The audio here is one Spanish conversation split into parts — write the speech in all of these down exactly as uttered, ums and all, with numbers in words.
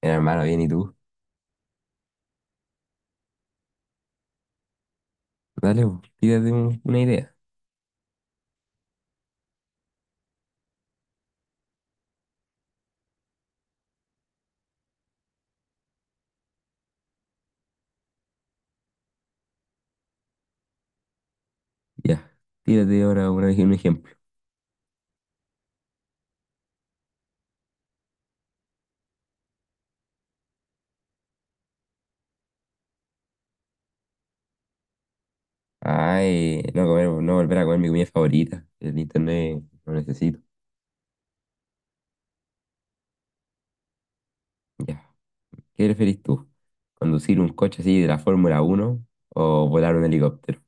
Bien, hermano, bien, ¿y tú? Dale, po, tírate un- una idea. Ya, tírate ahora una- un ejemplo. Ay, no comer, no volver a comer mi comida favorita. El internet lo necesito. Ya, ¿qué preferís tú? ¿Conducir un coche así de la Fórmula Uno o volar un helicóptero?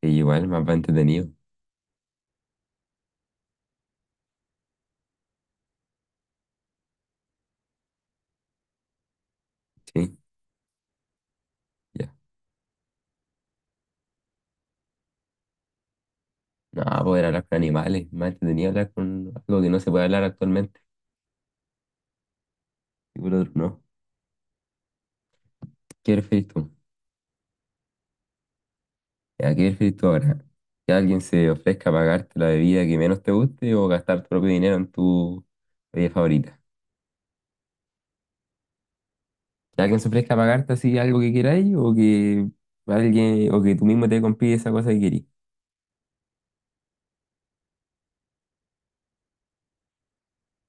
Que igual, más va entretenido. Sí, ya. No, poder hablar con animales, más entretenido hablar con algo que no se puede hablar actualmente. Y por otro, no. ¿Qué preferís tú? ¿Aquí ¿qué prefieres ahora? ¿Que alguien se ofrezca a pagarte la bebida que menos te guste o gastar tu propio dinero en tu bebida favorita? ¿Que alguien se ofrezca a pagarte así algo que queráis, o que alguien o que tú mismo te compres esa cosa que querís?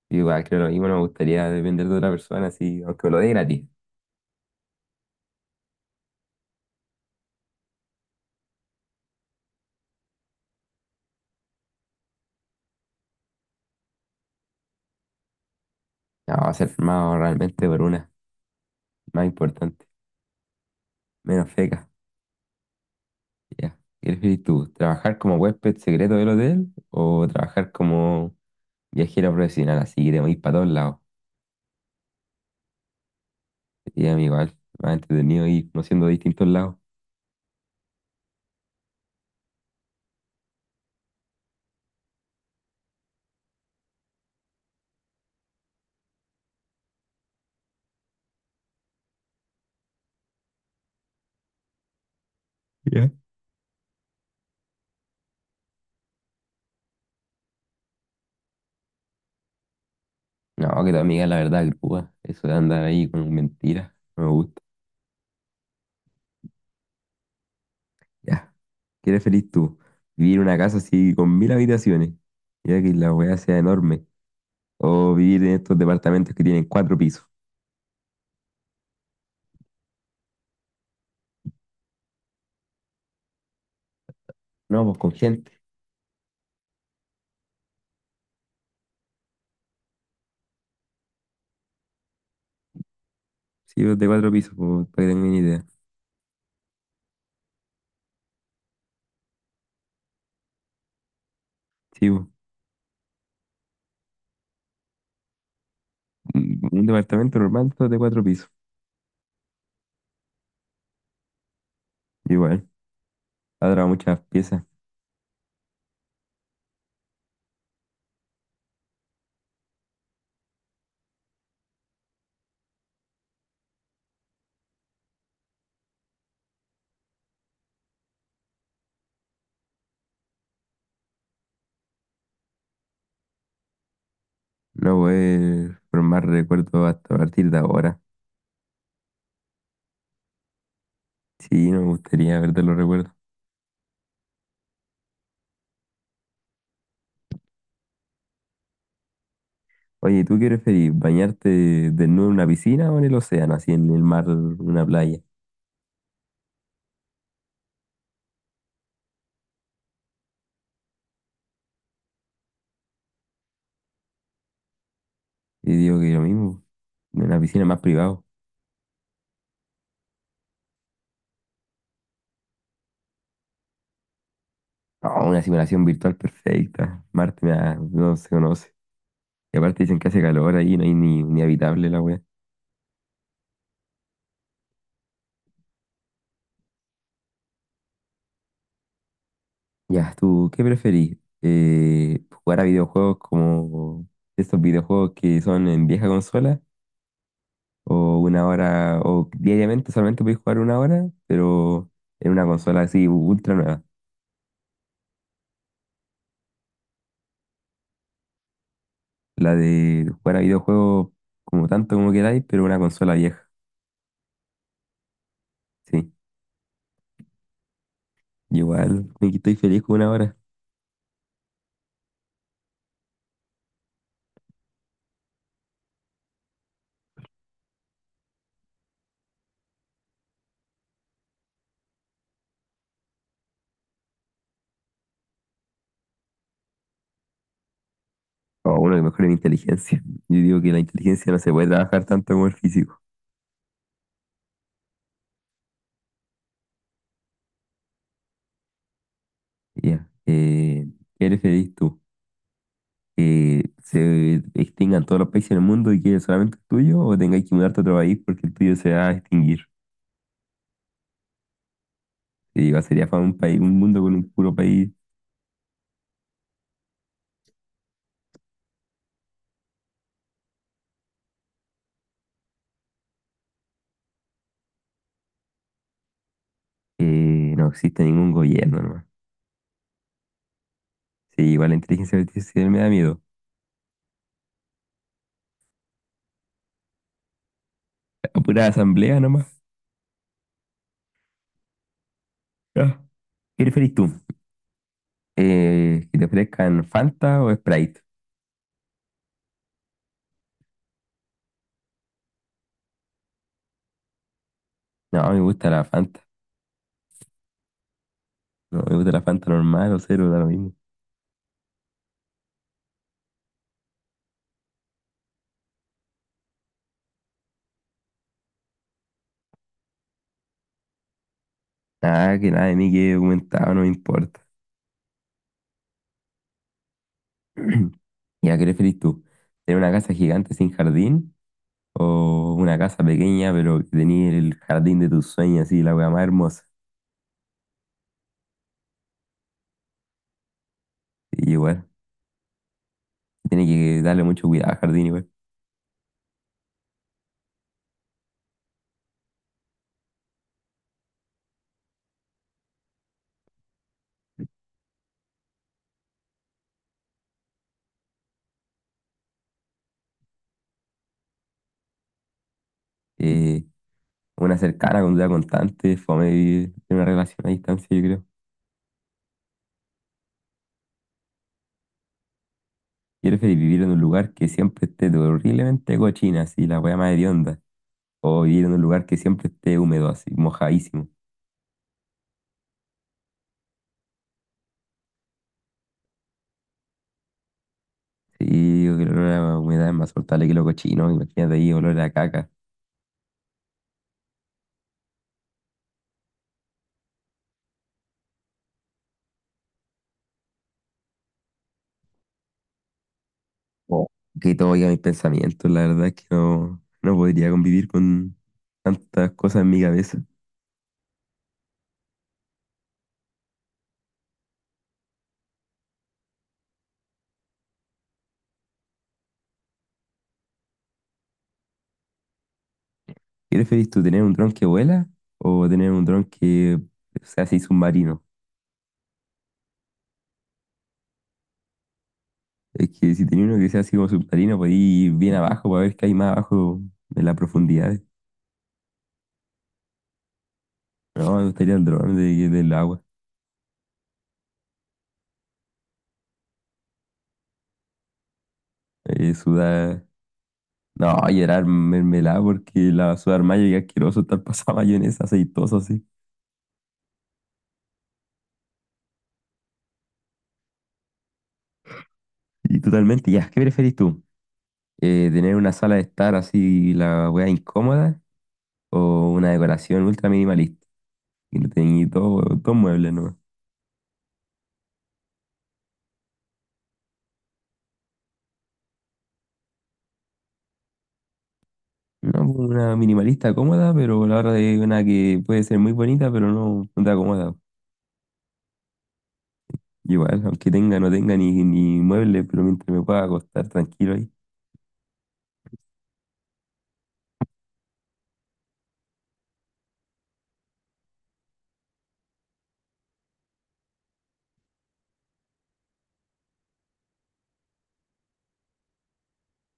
Yo igual creo lo mismo, no me gustaría depender de otra persona así, aunque me lo dé gratis. No, va a ser firmado realmente por una más importante, menos feca. Ya, ¿qué prefieres tú? ¿Trabajar como huésped secreto del hotel o trabajar como viajero profesional así que te movís para todos lados? Y amigo, igual, más entretenido ir conociendo distintos lados. Ya. No, que tu amiga, la verdad, grúa. Eso de andar ahí con mentiras, no me gusta. Ya, ¿qué eres feliz tú? ¿Vivir en una casa así con mil habitaciones? Ya que la weá sea enorme. O vivir en estos departamentos que tienen cuatro pisos. No, pues con gente. Sí, pues, de cuatro pisos, pues, para que tengan una idea. Sí, pues, un un departamento normal, todo de cuatro pisos. Igual, habrá muchas piezas. No poder formar recuerdos hasta a partir de ahora. Sí, no me gustaría perder los recuerdos. Oye, ¿tú qué preferís? ¿Bañarte desnudo en una piscina o en el océano, así en el mar, en una playa? Y digo que lo mismo, en una piscina más privado. No, una simulación virtual perfecta. Marte me da- no se conoce. Y aparte dicen que hace calor ahí, no hay ni, ni habitable la wea. Ya, ¿tú qué preferís? Eh, ¿jugar a videojuegos como estos videojuegos que son en vieja consola? ¿O una hora, o diariamente solamente podéis jugar una hora, pero en una consola así ultra nueva? La de jugar a videojuegos como tanto como queráis, pero una consola vieja. Sí, igual me estoy feliz con una hora. O bueno, que mejore mi inteligencia. Yo digo que la inteligencia no se puede trabajar tanto como el físico. Ya. Eh, ¿eres feliz tú? ¿Que se extingan todos los países del mundo y quede solamente el tuyo? ¿O tengáis que mudarte a otro país porque el tuyo se va a extinguir? Te digo, sería para un país, un mundo con un puro país que no existe ningún gobierno nomás. Sí, igual la inteligencia artificial me da miedo. A pura asamblea nomás. Ah. ¿Qué preferís tú? Eh, ¿que te ofrezcan Fanta o Sprite? No, me gusta la Fanta. No, me gusta la Fanta normal o cero, da lo mismo. Nada, que nada de mí quede documentado, no me importa. ¿Y a qué preferís tú? ¿Tener una casa gigante sin jardín? ¿O una casa pequeña pero que tenía el jardín de tus sueños así, la weá más hermosa? Y igual, tiene que darle mucho cuidado al jardín igual. Eh, una cercana con duda constante, fome vivir en una relación a distancia, yo creo. Quiero que vivir en un lugar que siempre esté horriblemente cochina, así, la weá más hedionda. O vivir en un lugar que siempre esté húmedo, así, mojadísimo. Sí, yo creo que el olor a la humedad es más soltable que lo cochino, imagínate ahí, olor a caca. Oh. Que todo llega a mis pensamientos, la verdad es que no, no podría convivir con tantas cosas en mi cabeza. ¿Qué preferís tú, tener un dron que vuela o tener un dron que sea así submarino? Es que si tenés uno que sea así como submarino, podés ir bien abajo para ver qué hay más abajo en la profundidad. No, me gustaría el dron de- del agua. Eh, sudar. No, llorar mermelada porque la sudar mayo y asqueroso estar pasada mayonesa aceitoso así. Y totalmente, ya, ¿qué preferís tú? Eh, ¿tener una sala de estar así, la weá incómoda? ¿O una decoración ultra minimalista? Y no tenéis todo, todo muebles, ¿no? No, pues, una minimalista cómoda, pero a la hora de una que puede ser muy bonita, pero no, no te acomoda. Igual, aunque tenga, no tenga ni, ni muebles, pero mientras me pueda acostar tranquilo ahí.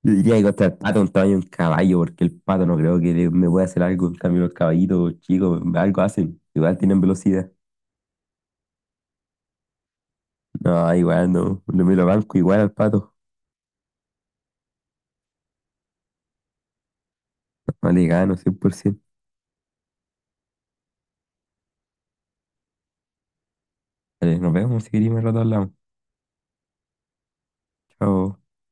Yo diría que contra el pato un tamaño de un caballo, porque el pato no creo que le- me pueda hacer algo. En cambio, los caballitos chicos, algo hacen. Igual tienen velocidad. No, igual no. Lo me lo banco igual al pato. No le gano cien por ciento. Vale, nos vemos si queréis, más rato hablamos. Chao.